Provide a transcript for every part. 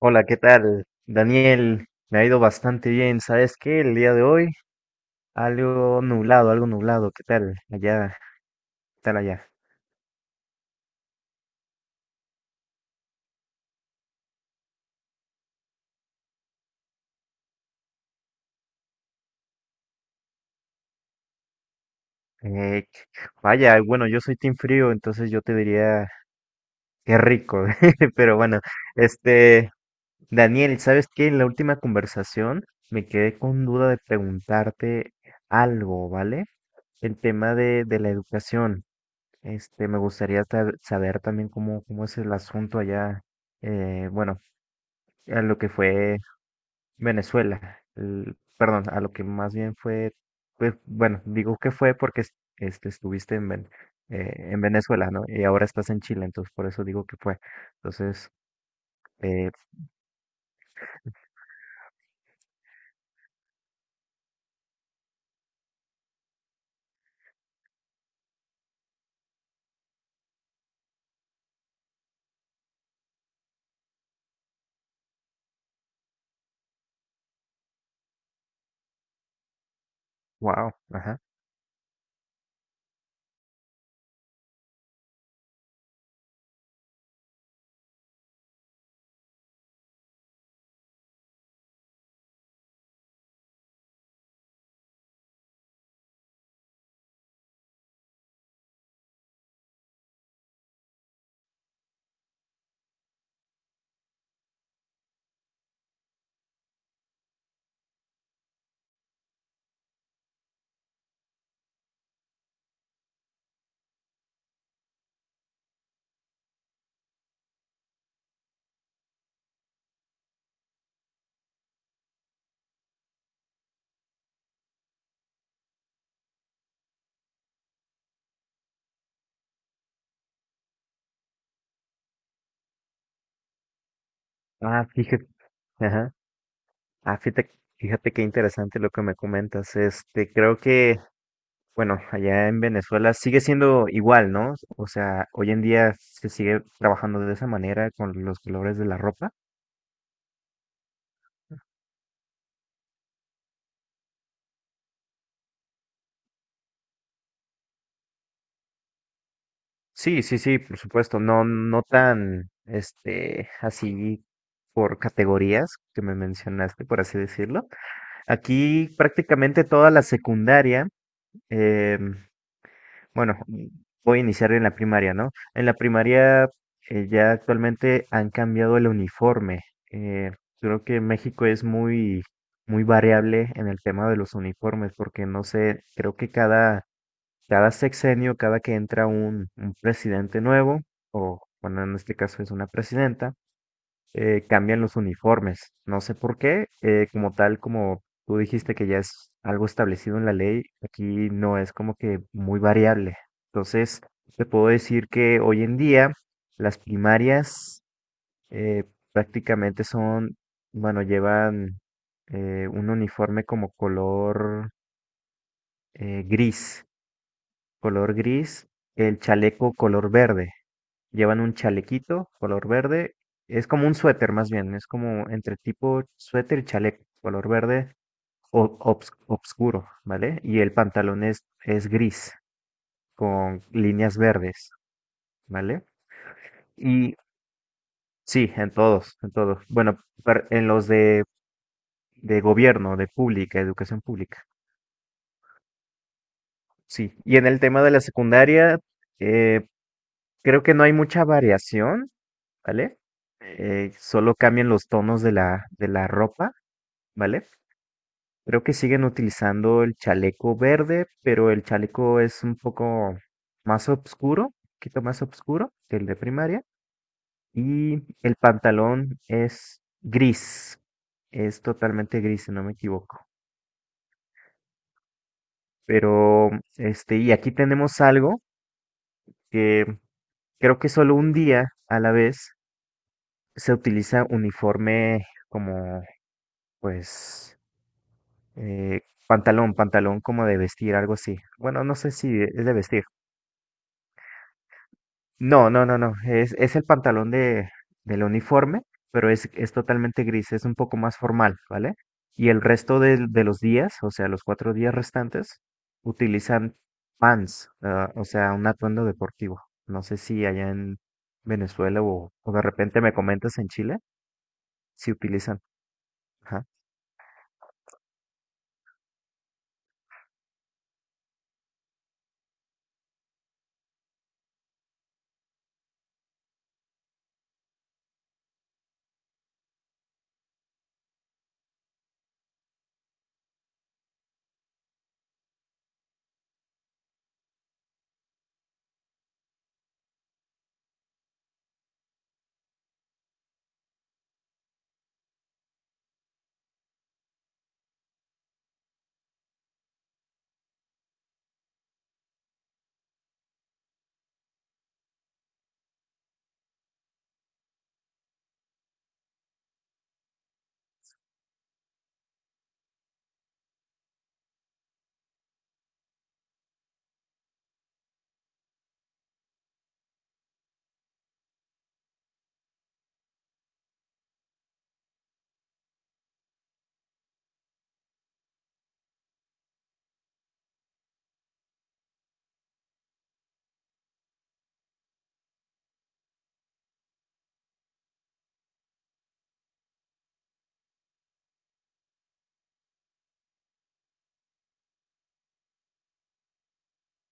Hola, ¿qué tal? Daniel, me ha ido bastante bien. ¿Sabes qué? El día de hoy, algo nublado, algo nublado. ¿Qué tal? Allá, ¿qué tal allá? Eh, Vaya, bueno, yo soy team frío, entonces yo te diría qué rico. Pero bueno, este, Daniel, ¿sabes qué? En la última conversación me quedé con duda de preguntarte algo, ¿vale? El tema de la educación. Me gustaría saber también cómo, cómo es el asunto allá bueno, a lo que fue Venezuela, perdón, a lo que más bien fue, pues, bueno, digo que fue porque estuviste en, en Venezuela, ¿no? Y ahora estás en Chile, entonces por eso digo que fue. Entonces, eh, wow, ajá. Ah, fíjate, ajá. Ah, fíjate, fíjate qué interesante lo que me comentas. Creo que, bueno, allá en Venezuela sigue siendo igual, ¿no? O sea, hoy en día se sigue trabajando de esa manera con los colores de la ropa. Sí, sí, sí, por supuesto, no, no tan, así por categorías que me mencionaste, por así decirlo. Aquí prácticamente toda la secundaria, em, bueno, voy a iniciar en la primaria, ¿no? En la primaria ya actualmente han cambiado el uniforme. Eh, Creo que México es muy, muy variable en el tema de los uniformes, porque no sé, creo que cada sexenio, cada que entra un presidente nuevo, o bueno, en este caso es una presidenta, cambian los uniformes. No sé por qué, como tal, como tú dijiste que ya es algo establecido en la ley, aquí no es como que muy variable. Entonces, te puedo decir que hoy en día las primarias eh, prácticamente son, bueno, llevan un uniforme como color gris color gris, el chaleco color verde. Llevan un chalequito color verde, es como un suéter más bien, es como entre tipo suéter y chaleco color verde obscuro, ¿vale? Y el pantalón es gris con líneas verdes, ¿vale? Y sí, en todos, en todos. Bueno, en los de gobierno, de pública, educación pública. Sí, y en el tema de la secundaria, eh, creo que no hay mucha variación, ¿vale? Solo cambian los tonos de de la ropa, ¿vale? Creo que siguen utilizando el chaleco verde, pero el chaleco es un poco más oscuro, un poquito más oscuro que el de primaria. Y el pantalón es gris, es totalmente gris, si no me equivoco. Pero, y aquí tenemos algo que creo que solo un día a la vez se utiliza uniforme como, pues, Eh, pantalón como de vestir, algo así. Bueno, no sé si es de vestir. No, no, no, no. Es el pantalón del uniforme, pero es totalmente gris, es un poco más formal, ¿vale? Y el resto de los días, o sea, los cuatro días restantes, utilizan pants, ah, o sea, un atuendo deportivo. No sé si allá en Venezuela o de repente me comentas en Chile, si utilizan. Ajá.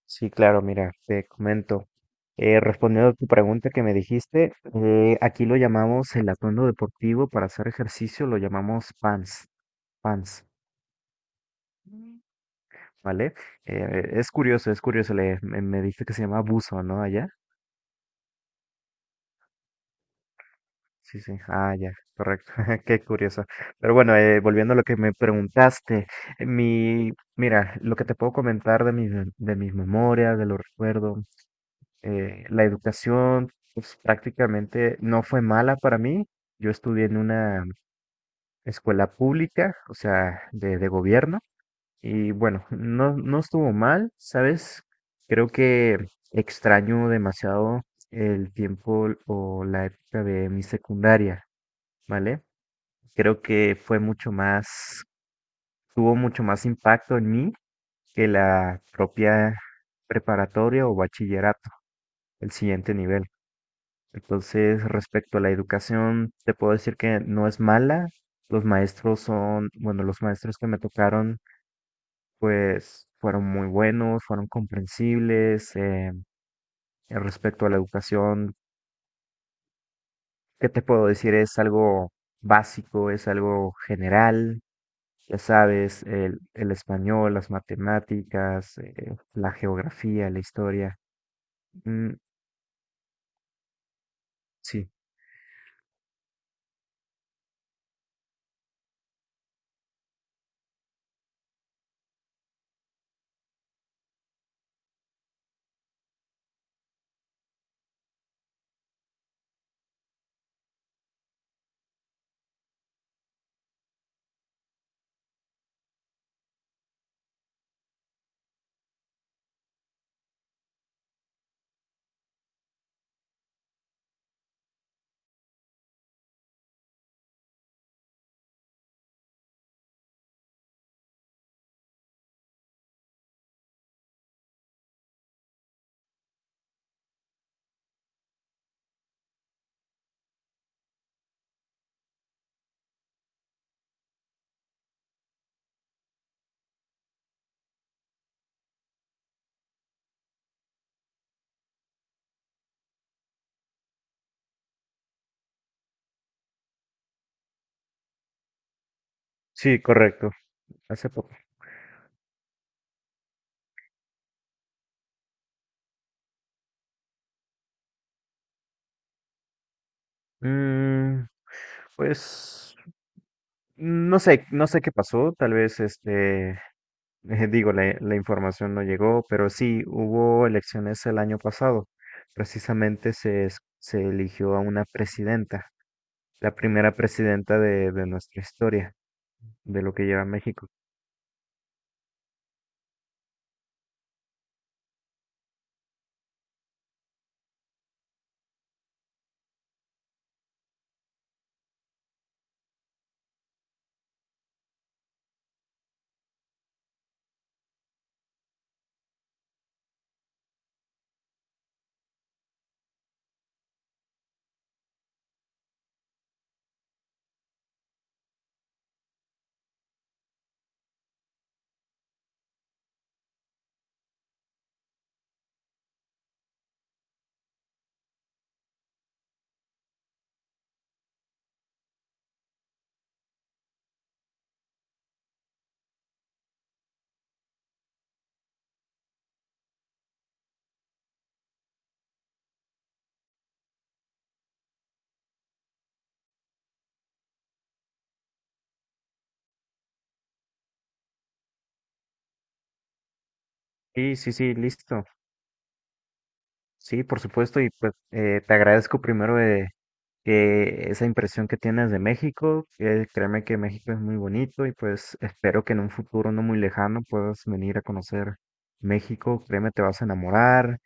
Sí, claro, mira, te comento. Respondiendo a tu pregunta que me dijiste, aquí lo llamamos el atuendo deportivo para hacer ejercicio, lo llamamos pants, pants. Mm. ¿Vale? Es curioso, es curioso, me dijiste que se llama buzo, ¿no? Allá. Sí, sí, ah, ya, correcto, qué curioso. Pero bueno, volviendo a lo que me preguntaste, mira, lo que te puedo comentar de mis memorias, de los recuerdos, la educación pues, prácticamente no fue mala para mí. Yo estudié en una escuela pública, o sea, de gobierno, y bueno, no, no estuvo mal, ¿sabes? Creo que extraño demasiado el tiempo o la época de mi secundaria, ¿vale? Creo que fue mucho más, tuvo mucho más impacto en mí que la propia preparatoria o bachillerato, el siguiente nivel. Entonces, respecto a la educación, te puedo decir que no es mala. Los maestros son, bueno, los maestros que me tocaron, pues fueron muy buenos, fueron comprensibles. Respecto a la educación, ¿qué te puedo decir? Es algo básico, es algo general. Ya sabes, el español, las matemáticas, la geografía, la historia. Mm, sí, sí, correcto. Hace poco. Mm, pues no sé, no sé qué pasó, tal vez digo, la información no llegó, pero sí, hubo elecciones el año pasado. Precisamente se eligió a una presidenta, la primera presidenta de nuestra historia, de lo que lleva México. Sí, sí, sí, listo. Sí, por supuesto, y pues te agradezco primero, que esa impresión que tienes de México, que créeme que México es muy bonito y pues espero que en un futuro no muy lejano puedas venir a conocer México, créeme te vas a enamorar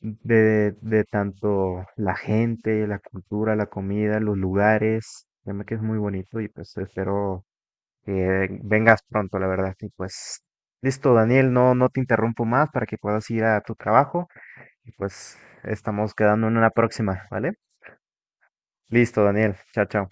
de tanto la gente, la cultura, la comida, los lugares, créeme que es muy bonito y pues espero que vengas pronto, la verdad, y pues listo, Daniel, no, no te interrumpo más para que puedas ir a tu trabajo y pues estamos quedando en una próxima, ¿vale? Listo, Daniel, chao, chao.